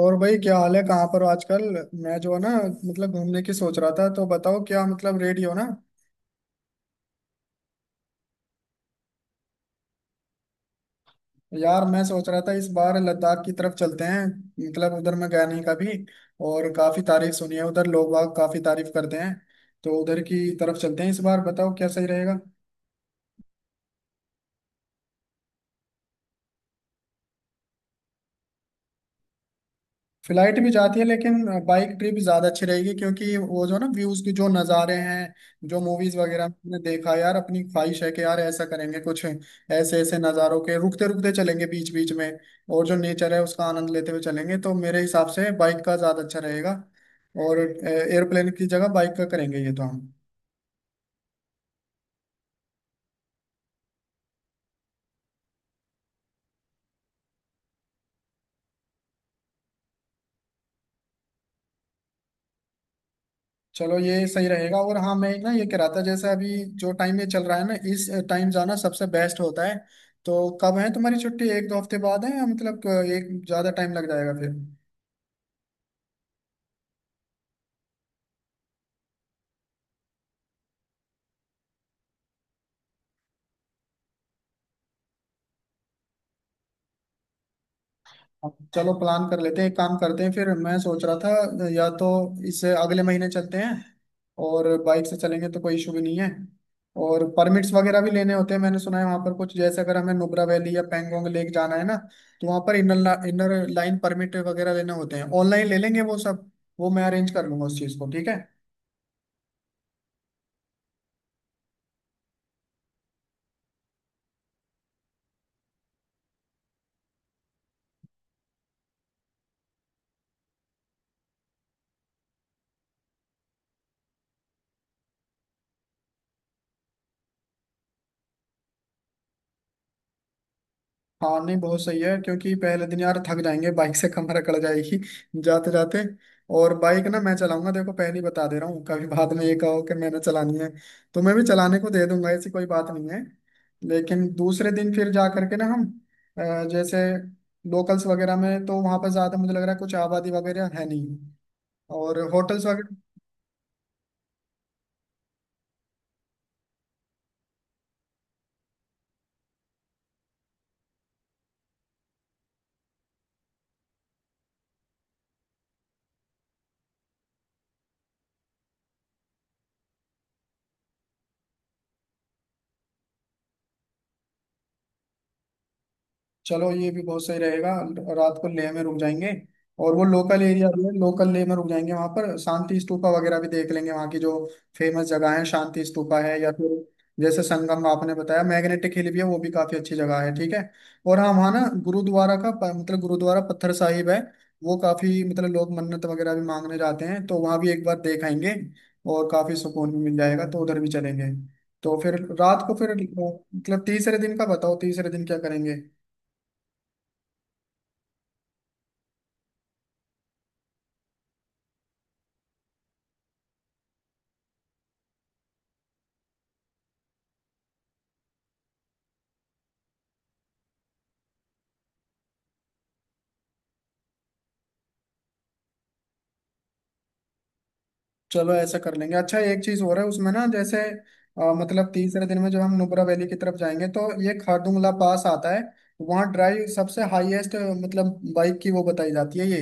और भाई क्या हाल है? कहाँ पर हो आजकल? मैं जो है ना, मतलब घूमने की सोच रहा था, तो बताओ क्या मतलब रेडी हो ना। यार मैं सोच रहा था इस बार लद्दाख की तरफ चलते हैं। मतलब उधर मैं गया नहीं कभी। और काफी तारीफ सुनी है, उधर लोग बाग काफी तारीफ करते हैं। तो उधर की तरफ चलते हैं इस बार, बताओ क्या सही रहेगा। फ्लाइट भी जाती है लेकिन बाइक ट्रिप ज्यादा अच्छी रहेगी क्योंकि वो जो ना व्यूज के जो नज़ारे हैं, जो मूवीज वगैरह में हमने देखा है, यार अपनी ख्वाहिश है कि यार ऐसा करेंगे, कुछ ऐसे ऐसे नज़ारों के रुकते रुकते चलेंगे, बीच बीच में। और जो नेचर है उसका आनंद लेते हुए चलेंगे, तो मेरे हिसाब से बाइक का ज्यादा अच्छा रहेगा। और एयरप्लेन की जगह बाइक का करेंगे ये तो हम। चलो ये सही रहेगा। और हाँ, मैं ना ये कह रहा था, जैसे अभी जो टाइम ये चल रहा है ना, इस टाइम जाना सबसे बेस्ट होता है। तो कब है तुम्हारी छुट्टी? एक दो हफ्ते बाद है या मतलब एक ज्यादा टाइम लग जाएगा फिर। चलो प्लान कर लेते हैं, एक काम करते हैं। फिर मैं सोच रहा था या तो इससे अगले महीने चलते हैं, और बाइक से चलेंगे तो कोई इशू भी नहीं है। और परमिट्स वगैरह भी लेने होते हैं, मैंने सुना है वहाँ पर कुछ, जैसे अगर हमें नुब्रा वैली या पैंगोंग लेक जाना है ना, तो वहाँ पर इनर इनर लाइन परमिट वगैरह लेने होते हैं, ऑनलाइन ले लेंगे वो सब। वो मैं अरेंज कर लूंगा उस चीज़ को, ठीक है। हाँ नहीं, बहुत सही है क्योंकि पहले दिन यार थक जाएंगे, बाइक से कमर अकड़ जाएगी। जाते जाते। और बाइक ना मैं चलाऊंगा, देखो पहले ही बता दे रहा हूँ, कभी बाद में ये कहो कि मैंने चलानी है तो मैं भी चलाने को दे दूंगा, ऐसी कोई बात नहीं है। लेकिन दूसरे दिन फिर जा करके ना हम, जैसे लोकल्स वगैरह में तो वहाँ पर ज़्यादा मुझे लग रहा है कुछ आबादी वगैरह है नहीं, और होटल्स वगैरह। चलो ये भी बहुत सही रहेगा। रात को लेह में रुक जाएंगे। और वो लोकल एरिया भी है, लोकल लेह में रुक जाएंगे, वहां पर शांति स्तूपा वगैरह भी देख लेंगे, वहां की जो फेमस जगह है शांति स्तूपा है, या फिर जैसे संगम आपने बताया, मैग्नेटिक हिल भी है, वो भी काफी अच्छी जगह है, ठीक है। और हाँ, वहाँ ना गुरुद्वारा का मतलब गुरुद्वारा पत्थर साहिब है, वो काफी, मतलब लोग मन्नत वगैरह भी मांगने जाते हैं, तो वहां भी एक बार देख आएंगे और काफी सुकून भी मिल जाएगा, तो उधर भी चलेंगे। तो फिर रात को फिर, मतलब तीसरे दिन का बताओ, तीसरे दिन क्या करेंगे। चलो ऐसा कर लेंगे। अच्छा, एक चीज हो रहा है उसमें ना, जैसे मतलब तीसरे दिन में जब हम नुब्रा वैली की तरफ जाएंगे तो ये खारदुंगला पास आता है, वहाँ ड्राइव सबसे हाईएस्ट, मतलब बाइक की वो बताई जाती है ये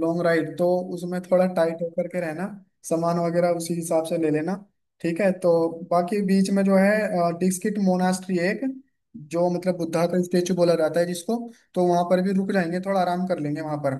लॉन्ग राइड, तो उसमें थोड़ा टाइट होकर के रहना, सामान वगैरह उसी हिसाब से ले लेना। ठीक है तो बाकी बीच में जो है डिस्किट मोनास्ट्री, एक जो मतलब बुद्धा का स्टेचू बोला जाता है जिसको, तो वहां पर भी रुक जाएंगे, थोड़ा आराम कर लेंगे वहां पर।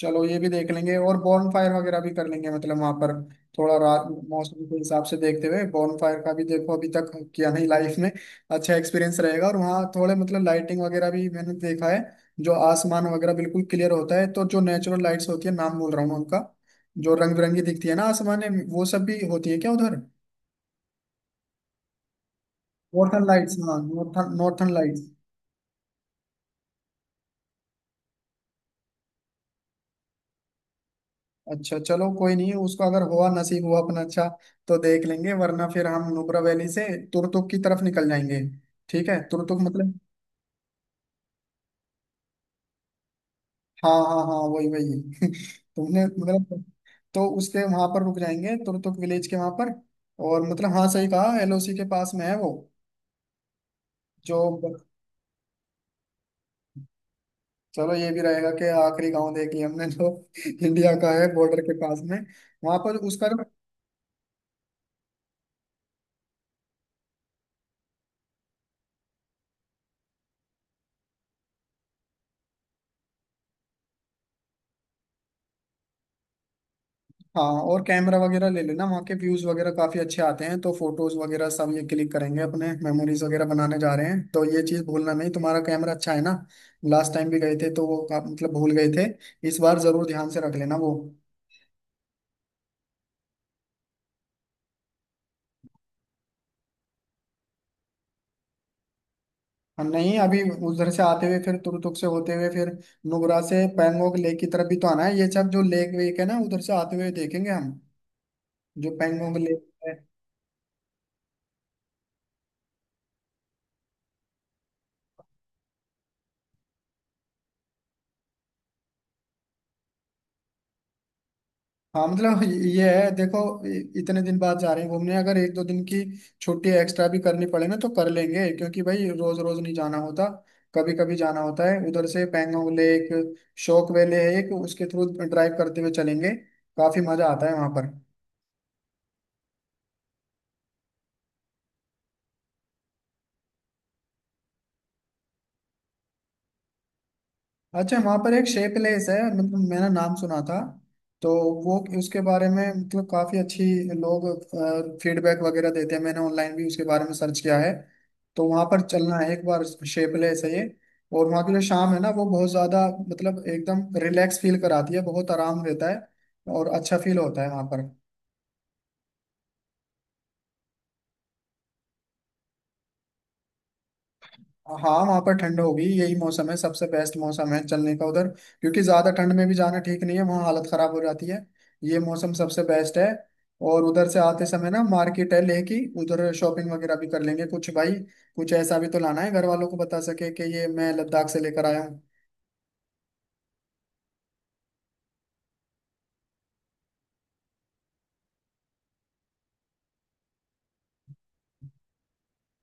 चलो ये भी देख लेंगे, और बॉन फायर वगैरह भी कर लेंगे, मतलब वहां पर थोड़ा रात मौसम के हिसाब से देखते हुए, बॉन फायर का भी, देखो अभी तक किया नहीं लाइफ में, अच्छा एक्सपीरियंस रहेगा। और वहाँ थोड़े मतलब लाइटिंग वगैरह भी मैंने देखा है, जो आसमान वगैरह बिल्कुल क्लियर होता है तो जो नेचुरल लाइट्स होती है, नाम बोल रहा हूँ मैं उनका, जो रंग बिरंगी दिखती है ना आसमान में, वो सब भी होती है क्या उधर? नॉर्थन लाइट्स, हाँ, नॉर्थन नॉर्थन लाइट्स। अच्छा चलो कोई नहीं, उसको अगर हुआ, नसीब हुआ अपना, अच्छा तो देख लेंगे, वरना फिर हम नुब्रा वैली से तुरतुक की तरफ निकल जाएंगे। ठीक है, तुरतुक मतलब, हाँ हाँ हाँ, वही वही। तुमने मतलब, तो उसके वहां पर रुक जाएंगे, तुरतुक विलेज के वहां पर। और मतलब हाँ, सही कहा, एलओसी के पास में है वो जो। चलो ये भी रहेगा कि आखिरी गांव देख लिया हमने जो इंडिया का है, बॉर्डर के पास में। वहां पर उसका, हाँ। और कैमरा वगैरह ले लेना, वहाँ के व्यूज वगैरह काफी अच्छे आते हैं, तो फोटोज वगैरह सब ये क्लिक करेंगे, अपने मेमोरीज वगैरह बनाने जा रहे हैं, तो ये चीज भूलना नहीं। तुम्हारा कैमरा अच्छा है ना, लास्ट टाइम भी गए थे तो वो मतलब भूल गए थे, इस बार जरूर ध्यान से रख लेना वो। और नहीं अभी, उधर से आते हुए फिर तुरतुक से होते हुए फिर नुब्रा से पैंगोंग लेक की तरफ भी तो आना है, ये सब जो लेक वेक है ना उधर से आते हुए देखेंगे हम, जो पैंगोंग लेक। हाँ मतलब ये है देखो, इतने दिन बाद जा रहे हैं घूमने, अगर एक दो दिन की छुट्टी एक्स्ट्रा भी करनी पड़े ना तो कर लेंगे क्योंकि भाई रोज रोज नहीं जाना होता, कभी कभी जाना होता है। उधर से पैंगोंग लेक, शोक वैली है एक, उसके थ्रू ड्राइव करते हुए चलेंगे, काफी मजा आता है वहां पर। अच्छा, वहां पर एक शे प्लेस है, मतलब मैंने नाम सुना था, तो वो उसके बारे में मतलब काफी अच्छी लोग फीडबैक वगैरह देते हैं, मैंने ऑनलाइन भी उसके बारे में सर्च किया है, तो वहां पर चलना है एक बार। शे प्लेस है ये, और वहाँ की जो शाम है ना वो बहुत ज्यादा मतलब एकदम रिलैक्स फील कराती है, बहुत आराम देता है और अच्छा फील होता है वहां पर। हाँ वहाँ पर ठंड होगी, यही मौसम है, सबसे बेस्ट मौसम है चलने का उधर, क्योंकि ज्यादा ठंड में भी जाना ठीक नहीं है, वहाँ हालत खराब हो जाती है, ये मौसम सबसे बेस्ट है। और उधर से आते समय ना मार्केट है लेह की, उधर शॉपिंग वगैरह भी कर लेंगे कुछ, भाई कुछ ऐसा भी तो लाना है घर वालों को, बता सके कि ये मैं लद्दाख से लेकर आया हूँ।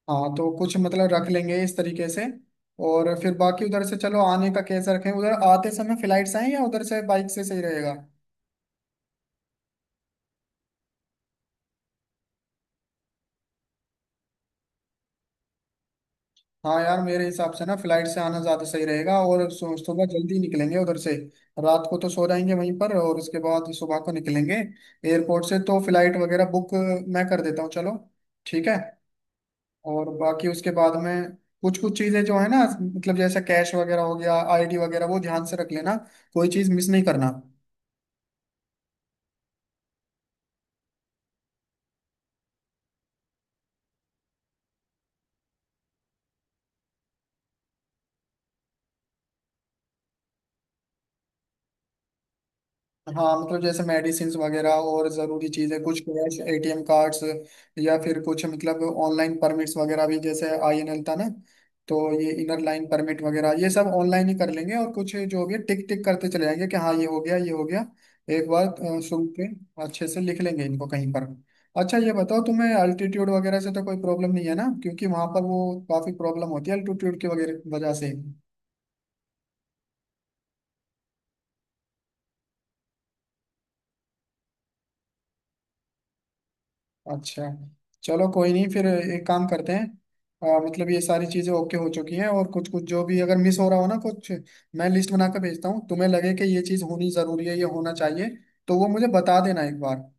हाँ तो कुछ मतलब रख लेंगे इस तरीके से। और फिर बाकी उधर से, चलो आने का कैसे रखें? उधर आते समय फ्लाइट से आए या उधर से बाइक से सही रहेगा? हाँ यार मेरे हिसाब से ना फ्लाइट से आना ज्यादा सही रहेगा, और सुबह जल्दी निकलेंगे उधर से। रात को तो सो जाएंगे वहीं पर और उसके बाद सुबह को निकलेंगे एयरपोर्ट से, तो फ्लाइट वगैरह बुक मैं कर देता हूँ, चलो ठीक है। और बाकी उसके बाद में कुछ कुछ चीजें जो है ना, मतलब जैसा कैश वगैरह हो गया, आईडी वगैरह, वो ध्यान से रख लेना, कोई चीज मिस नहीं करना। हाँ मतलब जैसे मेडिसिन वगैरह और ज़रूरी चीज़ें, कुछ कैश, एटीएम कार्ड्स, या फिर कुछ मतलब ऑनलाइन परमिट्स वगैरह भी, जैसे आईएनएल था ना, तो ये इनर लाइन परमिट वगैरह ये सब ऑनलाइन ही कर लेंगे, और कुछ जो भी है टिक टिक करते चले जाएंगे कि हाँ ये हो गया ये हो गया। एक बार सुन के अच्छे से लिख लेंगे इनको कहीं पर। अच्छा ये बताओ तुम्हें अल्टीट्यूड वगैरह से तो कोई प्रॉब्लम नहीं है ना, क्योंकि वहां पर वो काफ़ी प्रॉब्लम होती है अल्टीट्यूड की वगैरह वजह से। अच्छा चलो कोई नहीं, फिर एक काम करते हैं, मतलब ये सारी चीजें ओके हो चुकी हैं और कुछ कुछ जो भी अगर मिस हो रहा हो ना कुछ, मैं लिस्ट बना कर भेजता हूँ, तुम्हें लगे कि ये चीज होनी जरूरी है ये होना चाहिए तो वो मुझे बता देना एक बार।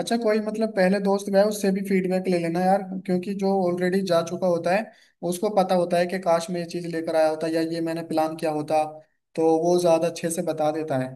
अच्छा कोई मतलब पहले दोस्त गया उससे भी फीडबैक ले लेना यार, क्योंकि जो ऑलरेडी जा चुका होता है उसको पता होता है कि काश मैं ये चीज लेकर आया होता या ये मैंने प्लान किया होता, तो वो ज्यादा अच्छे से बता देता है।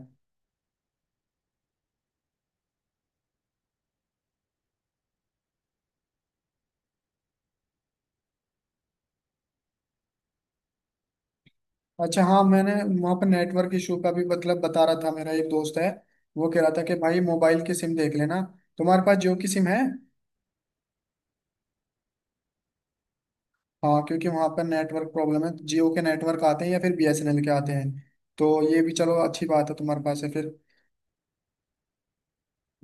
अच्छा हाँ मैंने, वहाँ पर नेटवर्क इशू का भी मतलब बता रहा था, मेरा एक दोस्त है, वो कह रहा था कि भाई मोबाइल की सिम देख लेना, तुम्हारे पास जियो की सिम है। हाँ क्योंकि वहाँ पर नेटवर्क प्रॉब्लम है, जियो के नेटवर्क आते हैं या फिर बीएसएनएल के आते हैं, तो ये भी चलो अच्छी बात है तुम्हारे पास है फिर।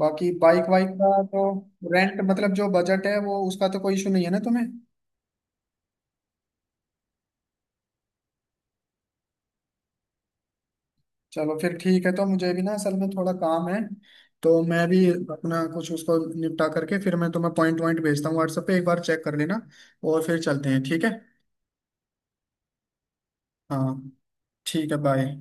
बाकी बाइक वाइक का तो रेंट, मतलब जो बजट है वो उसका तो कोई इशू नहीं है ना तुम्हें? चलो फिर ठीक है, तो मुझे भी ना असल में थोड़ा काम है, तो मैं भी अपना कुछ उसको निपटा करके फिर मैं तुम्हें पॉइंट वॉइंट भेजता हूँ व्हाट्सएप पे, एक बार चेक कर लेना और फिर चलते हैं, ठीक है। हाँ ठीक है, बाय।